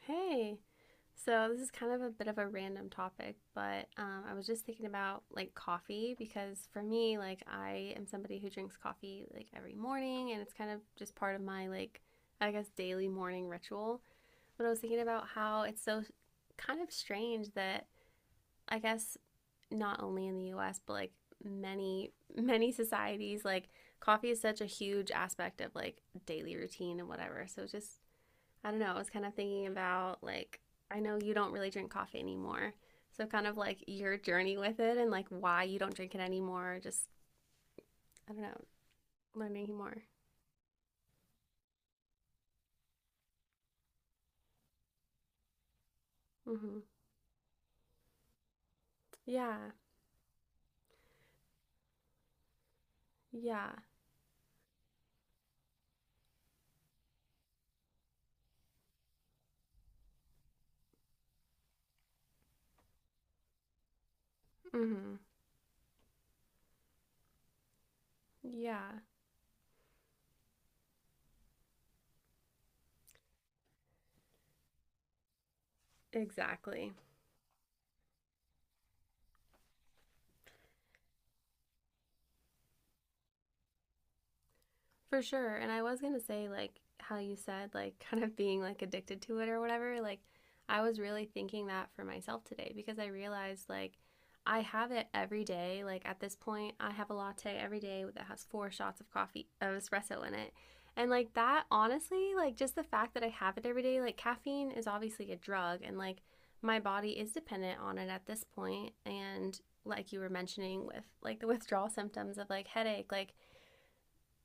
Hey, so this is kind of a bit of a random topic, but I was just thinking about like coffee because for me, like, I am somebody who drinks coffee like every morning and it's kind of just part of my like, I guess, daily morning ritual. But I was thinking about how it's so kind of strange that I guess not only in the US, but like many, many societies, like coffee is such a huge aspect of like daily routine and whatever. So it's just, I don't know, I was kind of thinking about like, I know you don't really drink coffee anymore. So kind of like your journey with it and like why you don't drink it anymore, just I don't know, learning more. Mhm. Yeah. Yeah. Mhm. Yeah. Exactly. For sure. And I was going to say, like, how you said, like, kind of being like addicted to it or whatever. Like, I was really thinking that for myself today because I realized, like, I have it every day. Like, at this point, I have a latte every day that has four shots of coffee, of espresso in it. And, like, that honestly, like, just the fact that I have it every day, like, caffeine is obviously a drug. And, like, my body is dependent on it at this point. And, like, you were mentioning with, like, the withdrawal symptoms of, like, headache, like,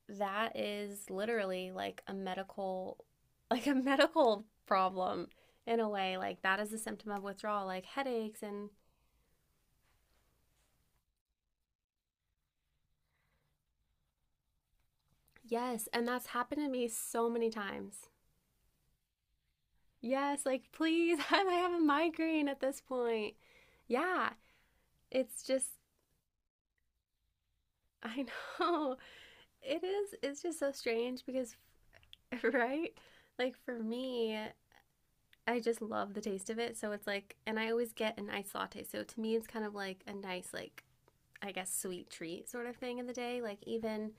that is literally like a medical like a medical problem in a way, like that is a symptom of withdrawal like headaches and yes, and that's happened to me so many times. Yes, like, please, I have a migraine at this point. Yeah, it's just, I know it's just so strange because right. Like, for me, I just love the taste of it, so it's like, and I always get an iced latte, so to me it's kind of like a nice like, I guess, sweet treat sort of thing in the day. Like, even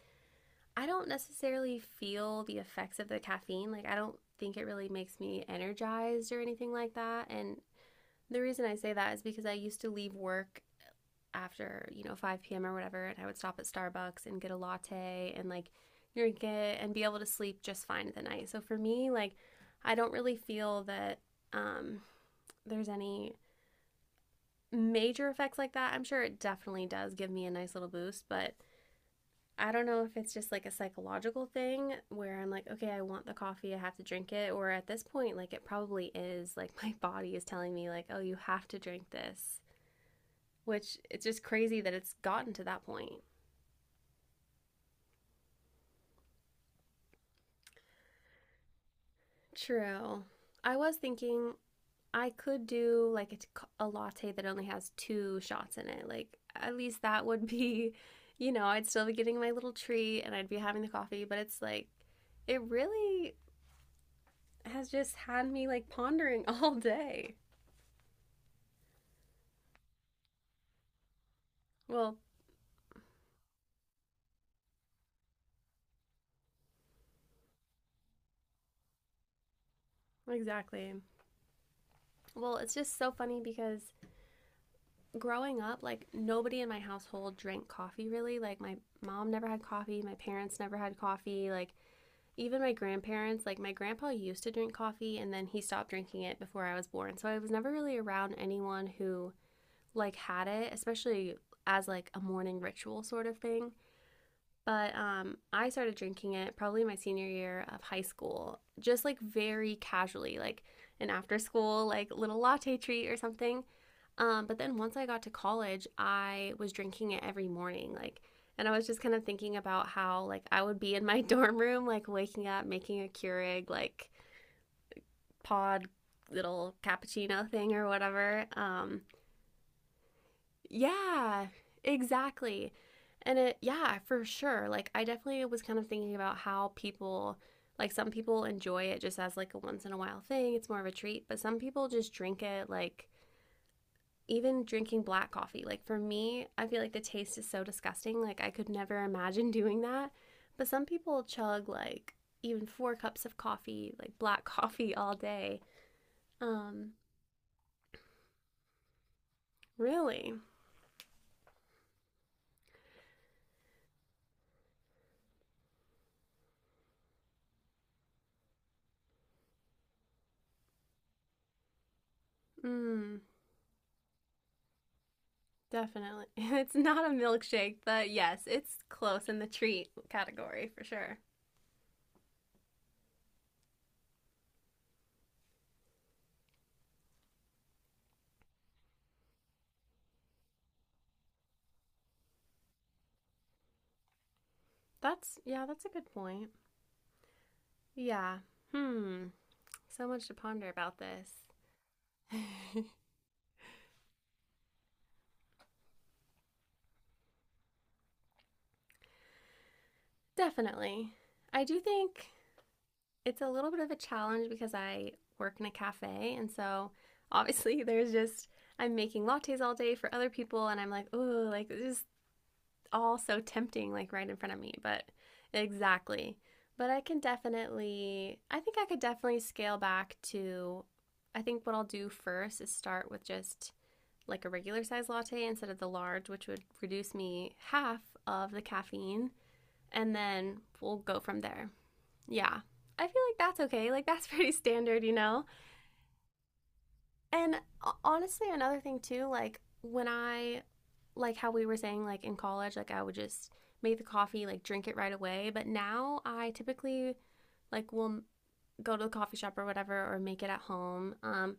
I don't necessarily feel the effects of the caffeine. Like, I don't think it really makes me energized or anything like that. And the reason I say that is because I used to leave work after, you know, 5 p.m. or whatever, and I would stop at Starbucks and get a latte and like drink it and be able to sleep just fine at the night. So for me, like, I don't really feel that um, there's any major effects like that. I'm sure it definitely does give me a nice little boost, but I don't know if it's just like a psychological thing where I'm like, okay, I want the coffee, I have to drink it. Or at this point, like, it probably is like my body is telling me, like, oh, you have to drink this, which, it's just crazy that it's gotten to that point. True. I was thinking I could do like a latte that only has two shots in it. Like, at least that would be, you know, I'd still be getting my little treat and I'd be having the coffee, but it's like, it really has just had me like pondering all day. Well, exactly. Well, it's just so funny because growing up, like nobody in my household drank coffee really. Like my mom never had coffee, my parents never had coffee, like even my grandparents, like my grandpa used to drink coffee and then he stopped drinking it before I was born. So I was never really around anyone who like had it, especially as like a morning ritual sort of thing. But I started drinking it probably my senior year of high school, just like very casually, like an after school, like little latte treat or something. But then once I got to college, I was drinking it every morning, like. And I was just kind of thinking about how, like, I would be in my dorm room, like, waking up, making a Keurig, like, pod little cappuccino thing or whatever. Yeah, exactly. And it, yeah, for sure. Like, I definitely was kind of thinking about how people, like, some people enjoy it just as like a once in a while thing. It's more of a treat, but some people just drink it like even drinking black coffee. Like, for me, I feel like the taste is so disgusting. Like, I could never imagine doing that. But some people chug like even four cups of coffee, like black coffee all day. Um, really? Mm. Definitely. It's not a milkshake, but yes, it's close in the treat category for sure. That's, yeah, that's a good point. Yeah. Hmm. So much to ponder about this. Definitely. I do think it's a little bit of a challenge because I work in a cafe, and so obviously there's just, I'm making lattes all day for other people, and I'm like, oh, like, just all so tempting, like right in front of me, but exactly. But I can definitely, I think I could definitely scale back to, I think what I'll do first is start with just like a regular size latte instead of the large, which would reduce me half of the caffeine. And then we'll go from there. Yeah. I feel like that's okay. Like, that's pretty standard, you know? And honestly, another thing too, like, when I, like how we were saying like in college, like I would just make the coffee, like drink it right away, but now I typically like will go to the coffee shop or whatever or make it at home.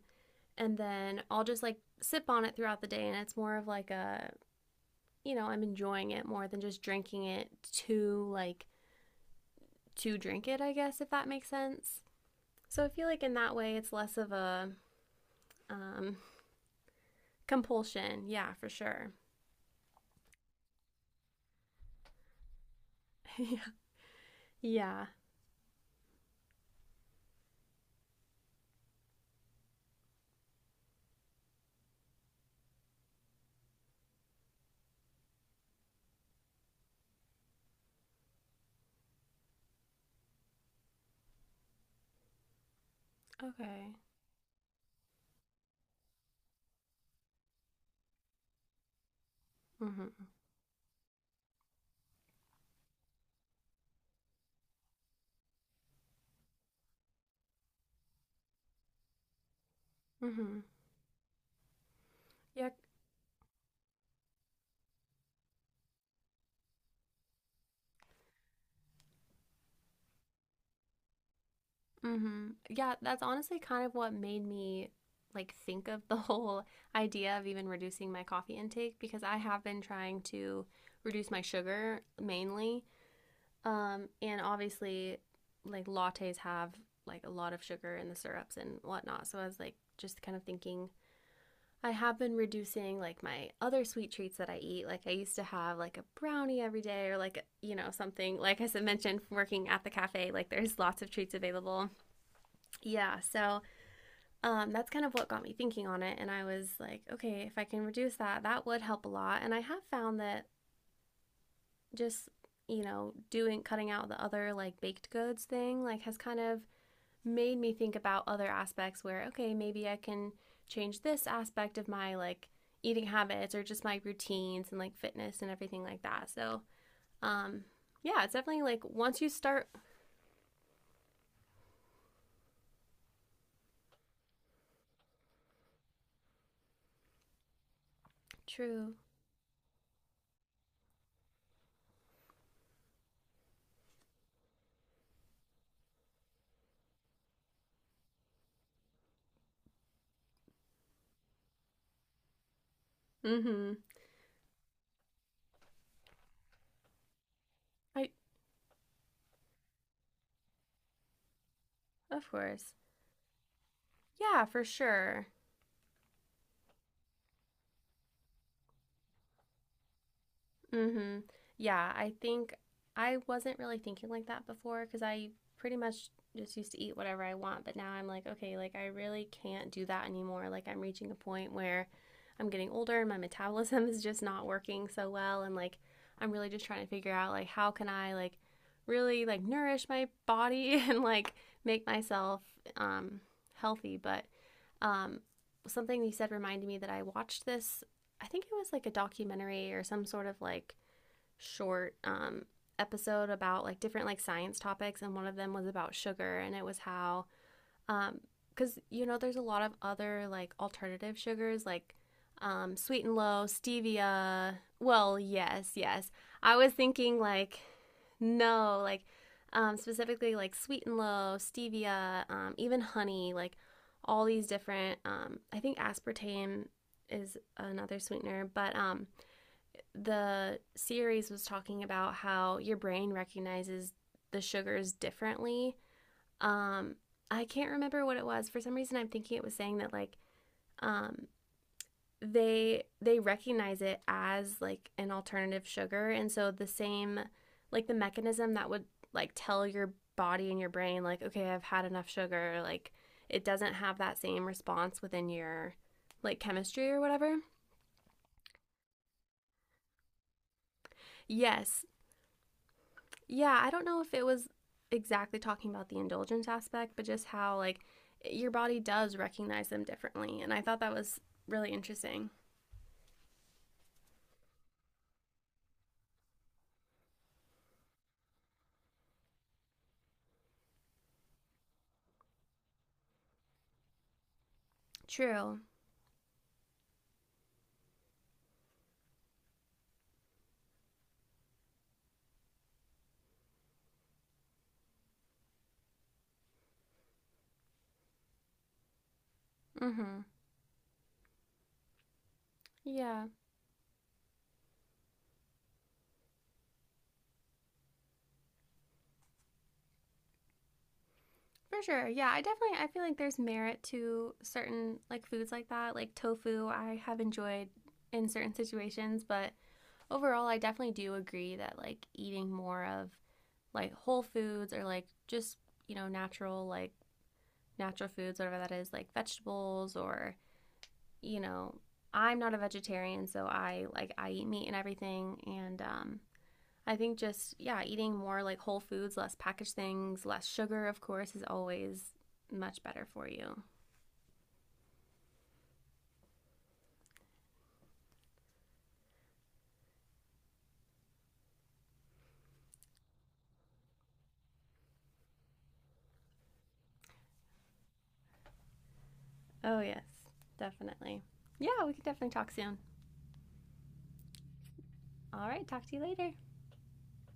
And then I'll just like sip on it throughout the day and it's more of like a, you know, I'm enjoying it more than just drinking it to like to drink it, I guess if that makes sense. So I feel like in that way it's less of a um compulsion. Yeah, for sure. yeah. Yeah. Okay. Mhm. Mhm. Yeah, Mm-hmm. Yeah, that's honestly kind of what made me like think of the whole idea of even reducing my coffee intake because I have been trying to reduce my sugar mainly. And obviously, like lattes have like a lot of sugar in the syrups and whatnot. So I was like just kind of thinking I have been reducing like my other sweet treats that I eat. Like I used to have like a brownie every day or like you know something like I mentioned working at the cafe like there's lots of treats available. Yeah, so that's kind of what got me thinking on it. And I was like, okay, if I can reduce that, that would help a lot. And I have found that just, you know, doing cutting out the other like baked goods thing, like has kind of made me think about other aspects where, okay, maybe I can change this aspect of my like eating habits or just my routines and like fitness and everything like that. So, um, yeah, it's definitely like once you start, true. Mm hmm. I, of course. Yeah, for sure. Hmm. Yeah, I think I wasn't really thinking like that before because I pretty much just used to eat whatever I want. But now I'm like, okay, like I really can't do that anymore. Like I'm reaching a point where I'm getting older and my metabolism is just not working so well. And like I'm really just trying to figure out like how can I like really like nourish my body and like make myself um healthy. But um something you said reminded me that I watched this, I think it was like a documentary or some sort of like short, episode about like different like science topics, and one of them was about sugar, and it was how, um, because you know there's a lot of other like alternative sugars like, sweet and low, stevia. Well, yes, yes. I was thinking like, no, like, specifically like sweet and low, stevia, even honey, like all these different. I think aspartame is another sweetener, but the series was talking about how your brain recognizes the sugars differently. um I can't remember what it was, for some reason I'm thinking it was saying that like, um they recognize it as like an alternative sugar and so the same, like the mechanism that would like tell your body and your brain like, okay, I've had enough sugar, like it doesn't have that same response within your like chemistry or whatever. Yes. Yeah, I don't know if it was exactly talking about the indulgence aspect, but just how like your body does recognize them differently, and I thought that was really interesting. True. Mhm. Yeah. For sure. Yeah, I definitely, I feel like there's merit to certain like foods like that, like tofu. I have enjoyed in certain situations, but overall I definitely do agree that like eating more of like whole foods or like just, you know, natural like natural foods whatever that is, like vegetables or you know, I'm not a vegetarian, so I like I eat meat and everything and I think just yeah, eating more like whole foods, less packaged things, less sugar, of course, is always much better for you. Oh yes, definitely. Yeah, we can definitely talk soon. All right, talk to you later.